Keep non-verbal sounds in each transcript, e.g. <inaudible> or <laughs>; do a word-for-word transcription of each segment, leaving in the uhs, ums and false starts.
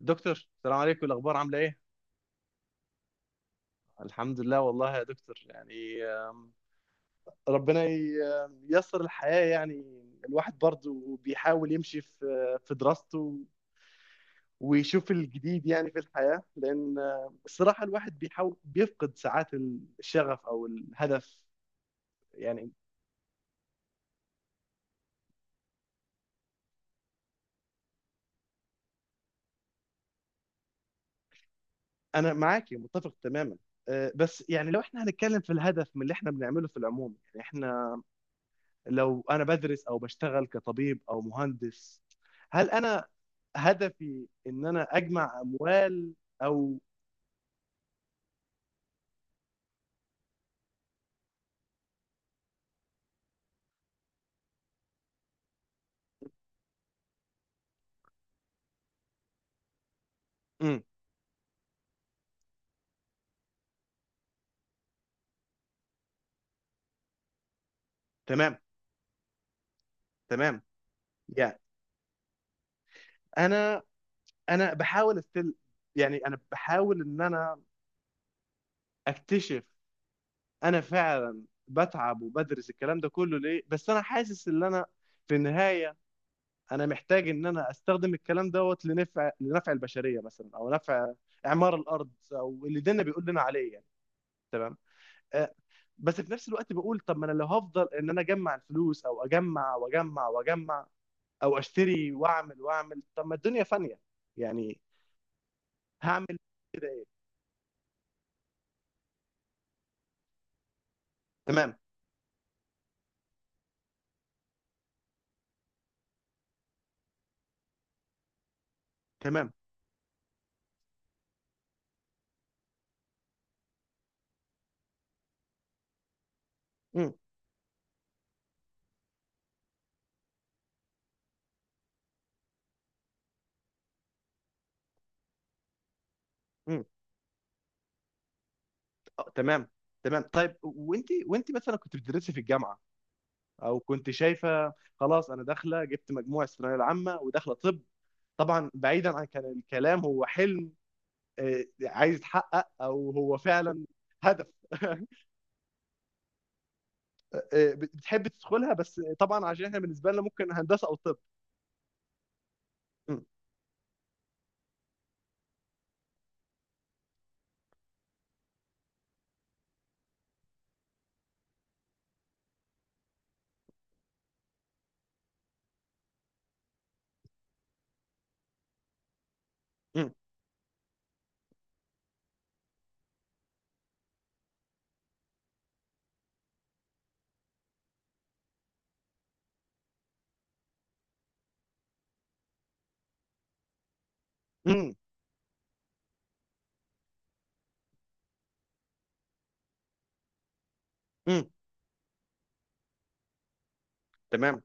دكتور، السلام عليكم. الاخبار عامله ايه؟ الحمد لله والله يا دكتور، يعني آم، ربنا ي- آم، ييسر الحياه يعني. الواحد برضو بيحاول يمشي في في دراسته ويشوف الجديد يعني في الحياه، لان آم، الصراحه الواحد بيحاول بيفقد ساعات الشغف او الهدف. يعني انا معاكي متفق تماما. آه، بس يعني لو احنا هنتكلم في الهدف من اللي احنا بنعمله في العموم، يعني احنا لو انا بدرس او بشتغل كطبيب او مهندس، هل انا هدفي ان انا اجمع اموال او امم تمام تمام. يعني انا انا بحاول استل، يعني انا بحاول ان انا اكتشف. انا فعلا بتعب وبدرس الكلام ده كله ليه، بس انا حاسس ان انا في النهاية انا محتاج ان انا استخدم الكلام دوت لنفع لنفع البشرية مثلا، او نفع اعمار الارض، او اللي ديننا بيقول لنا عليه يعني. تمام. آه، بس في نفس الوقت بقول طب ما انا لو هفضل ان انا اجمع الفلوس او اجمع واجمع واجمع او اشتري واعمل واعمل، طب ما الدنيا فانية. يعني هعمل كده ايه؟ تمام تمام. امم امم آه، تمام. تمام، طيب وانت، وانت مثلا كنت بتدرسي في الجامعة، او كنت شايفة خلاص انا داخلة، جبت مجموع الثانوية العامة وداخلة طب؟ طبعا بعيدا عن كان الكلام هو حلم آه، عايز يتحقق، او هو فعلا هدف. <laughs> آه، بتحب تدخلها، بس طبعا عشان احنا بالنسبه لنا ممكن هندسه او طب. مم، مم، مم، مم، تمام.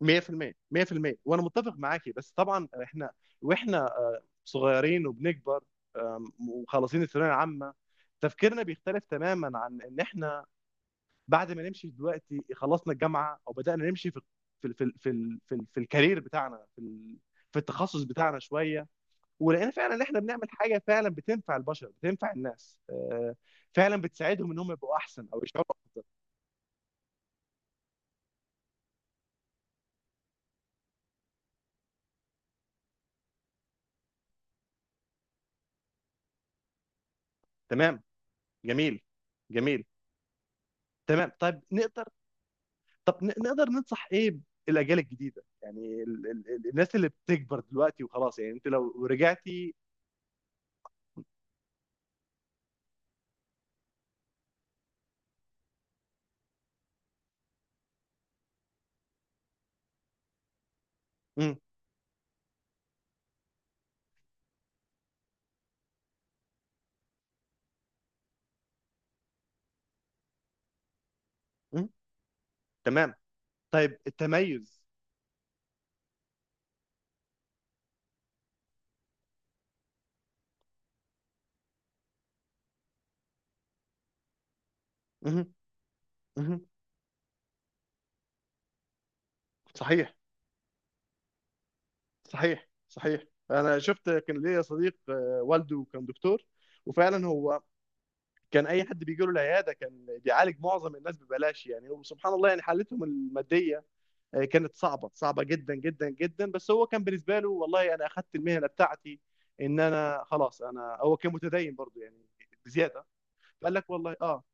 مية في المية مية في المية وانا متفق معاكي، بس طبعا احنا، واحنا آه، صغيرين وبنكبر، آم، وخلصين الثانويه العامه، تفكيرنا بيختلف تماما عن ان احنا بعد ما نمشي دلوقتي، خلصنا الجامعه او بدانا نمشي في في في في, في, في الكارير بتاعنا في ال- في التخصص بتاعنا شويه، ولقينا فعلا ان احنا بنعمل حاجه فعلا بتنفع البشر، بتنفع الناس، آه، فعلا بتساعدهم ان هم يبقوا احسن او يشعروا افضل. تمام. جميل. جميل. تمام، طيب نقدر، طب ن- نقدر ننصح ايه الاجيال الجديده؟ يعني ال... ال... ال- الناس اللي بتكبر دلوقتي وخلاص، يعني انت لو رجعتي. مم. مم. تمام. طيب التميز. مم. مم. صحيح. صحيح صحيح. انا شفت، كان ليا صديق آه، والده كان دكتور، وفعلا هو كان اي حد بيجي له العياده كان بيعالج معظم الناس ببلاش، يعني وسبحان الله يعني حالتهم الماديه آه، كانت صعبه، صعبه جدا جدا جدا. بس هو كان بالنسبه له، والله انا اخذت المهنه بتاعتي ان انا خلاص، انا هو كان متدين برضه يعني بزياده. قال لك والله اه،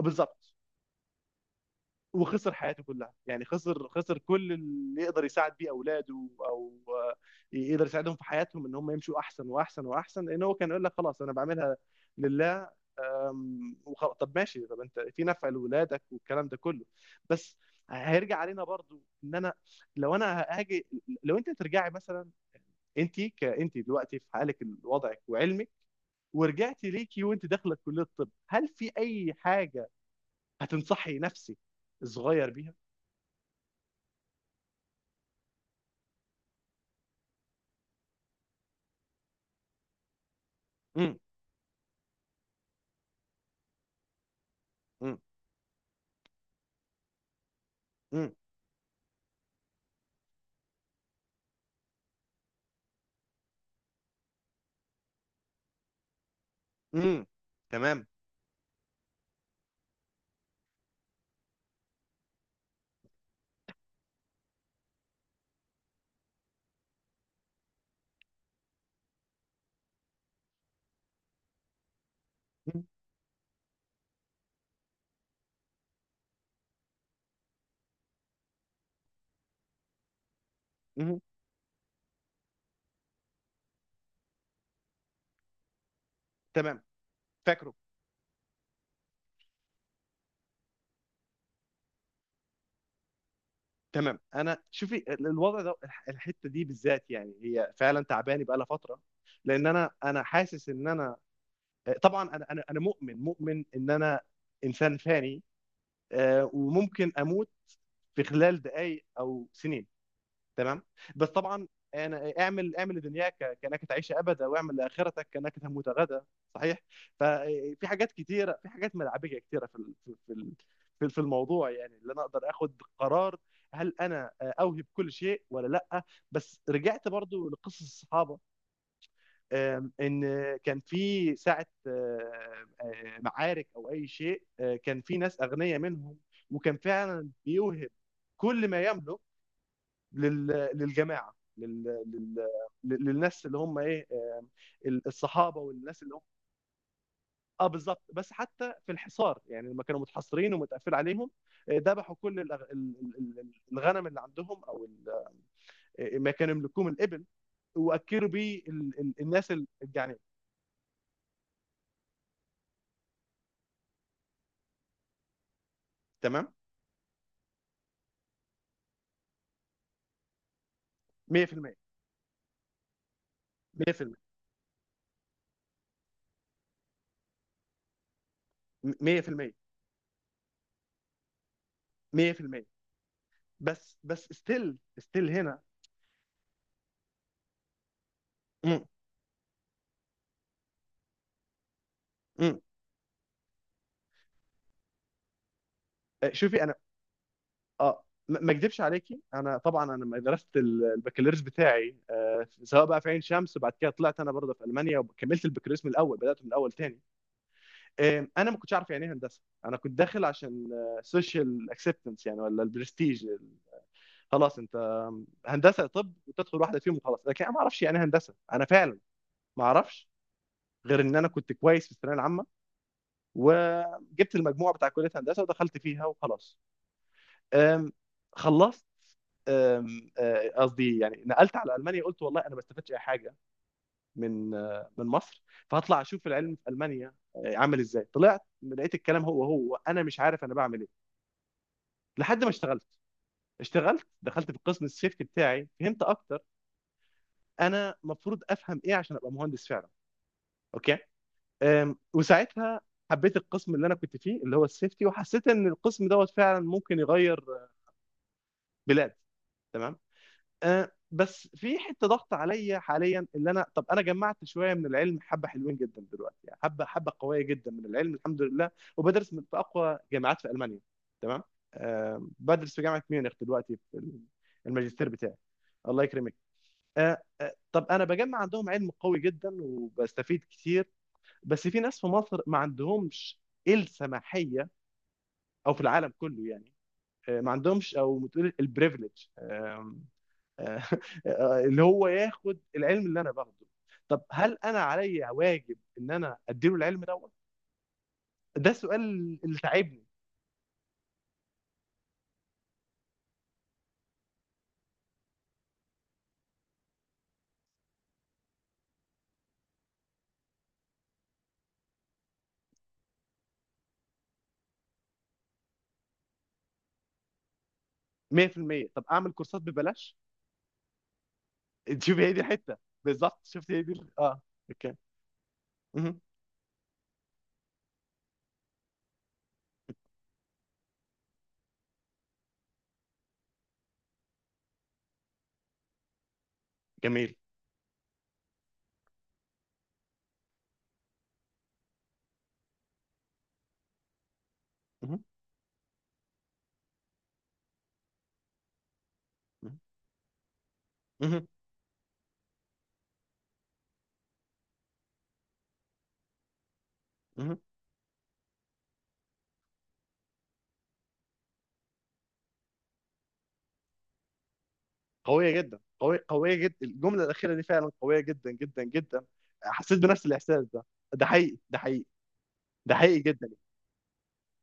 بالظبط. وخسر حياته كلها، يعني خسر، خسر كل اللي يقدر يساعد بيه اولاده او آه، يقدر يساعدهم في حياتهم، ان هم يمشوا احسن واحسن واحسن، لان هو كان يقول لك خلاص انا بعملها لله. وخ... طب ماشي، طب انت في نفع لولادك والكلام ده كله، بس هيرجع علينا برضو ان انا لو انا هاجي. لو انت ترجعي مثلا، انت كانت دلوقتي في حالك، وضعك وعلمك، ورجعتي ليكي وانت داخله كليه الطب، هل في اي حاجه هتنصحي نفسك الصغير بيها؟ امم. امم. امم. تمام. مم. مم. تمام، فاكره. تمام. انا شوفي ال- الوضع ده، الح- الحته دي بالذات، يعني هي فعلا تعباني بقى لها فتره، لان انا انا حاسس ان انا طبعا انا انا انا مؤمن، مؤمن ان انا انسان فاني، آه، وممكن اموت في خلال دقائق او سنين. تمام. بس طبعا، انا اعمل، اعمل لدنياك كانك تعيش ابدا واعمل لاخرتك كانك تموت غدا. صحيح. ففي حاجات كتيره، في حاجات ملعبيه كتيره في ال- في في ال- في في الموضوع، يعني اللي انا اقدر اخد قرار هل انا اوهب كل شيء ولا لا؟ بس رجعت برضو لقصص الصحابه آم، ان كان في ساعه آه، آه، معارك او اي شيء، آه، كان في ناس اغنياء منهم، وكان فعلا بيوهب كل ما يملك لل... للجماعه، لل... لل... للناس اللي هم ايه، الصحابه والناس اللي هم. اه بالظبط، بس حتى في الحصار، يعني لما كانوا متحصرين ومتقفل عليهم، آه، ذبحوا كل الأغ- ال- ال- الغنم اللي عندهم، او ال- آه، ما كانوا يملكوه من الابل، واكلوا بيه ال- ال- الناس الجعانين. تمام. مية في المية مية في المية مية في المية مية في المية بس بس ستيل ستيل هنا. مم. مم. شوفي انا، اه ما ما اكدبش عليكي. انا طبعا انا لما درست ال- البكالوريوس بتاعي، آه، سواء بقى في عين شمس، بعد كده طلعت انا برضه في المانيا وكملت البكالوريوس من الاول، بدات من الاول تاني. آه، انا ما كنتش عارف يعني ايه هندسه، انا كنت داخل عشان سوشيال اكسبتنس يعني، ولا البرستيج ال- خلاص انت هندسه طب وتدخل واحده فيهم وخلاص، لكن انا ما اعرفش يعني إيه هندسه، انا فعلا ما اعرفش غير ان انا كنت كويس في الثانويه العامه وجبت المجموع بتاع كليه هندسه ودخلت فيها وخلاص. آم، خلصت أم- آه، قصدي يعني نقلت على المانيا، قلت والله انا ما استفدتش اي حاجه من آه، من مصر، فهطلع اشوف العلم في المانيا آه، عامل ازاي. طلعت لقيت الكلام هو هو انا مش عارف انا بعمل ايه، لحد ما اشتغلت. اشتغلت دخلت في قسم السيفتي بتاعي، فهمت اكتر انا المفروض افهم ايه عشان ابقى مهندس فعلا. اوكي. أم، وساعتها حبيت القسم اللي انا كنت فيه، اللي هو السيفتي، وحسيت ان القسم دوت فعلا ممكن يغير بلاد. تمام. آه، بس في حته ضغط عليا حاليا، اللي انا طب انا جمعت شويه من العلم، حبه حلوين جدا دلوقتي، يعني حبه، حبه قويه جدا من العلم الحمد لله، وبدرس من في اقوى جامعات في المانيا. تمام. آه، بدرس في جامعه ميونخ دلوقتي في الماجستير بتاعي. الله يكرمك. آه، آه، طب انا بجمع عندهم علم قوي جدا وبستفيد كتير، بس في ناس في مصر ما عندهمش السماحيه، او في العالم كله يعني آه، ما عندهمش، او بتقول البريفليج، <laughs> اللي هو ياخد العلم اللي انا باخده. طب هل انا عليا واجب ان انا اديله العلم دوت؟ ده سؤال اللي تعبني. مية في المية طب اعمل كورسات ببلاش؟ <laughs> شوف هي دي الحته، بالظبط، شفت هي دي ال- اه. اوكي. مهم. جميل. مهم. مهم. مهم. مهم. قويه جدا، قويه، قويه جدا، الجمله الاخيره دي فعلا قويه جدا جدا جدا. حسيت بنفس الاحساس ده. ده حقيقي. ده حقيقي. ده حقيقي جدا.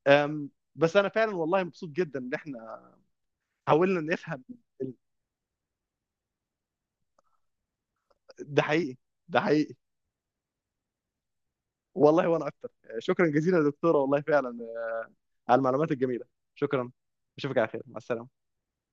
أم، بس انا فعلا والله مبسوط جدا ان احنا حاولنا نفهم. ده حقيقي. ده حقيقي. والله وانا اكتر. شكرا جزيلا يا دكتوره، والله فعلا على المعلومات الجميله. شكرا. اشوفك على خير، مع السلامه.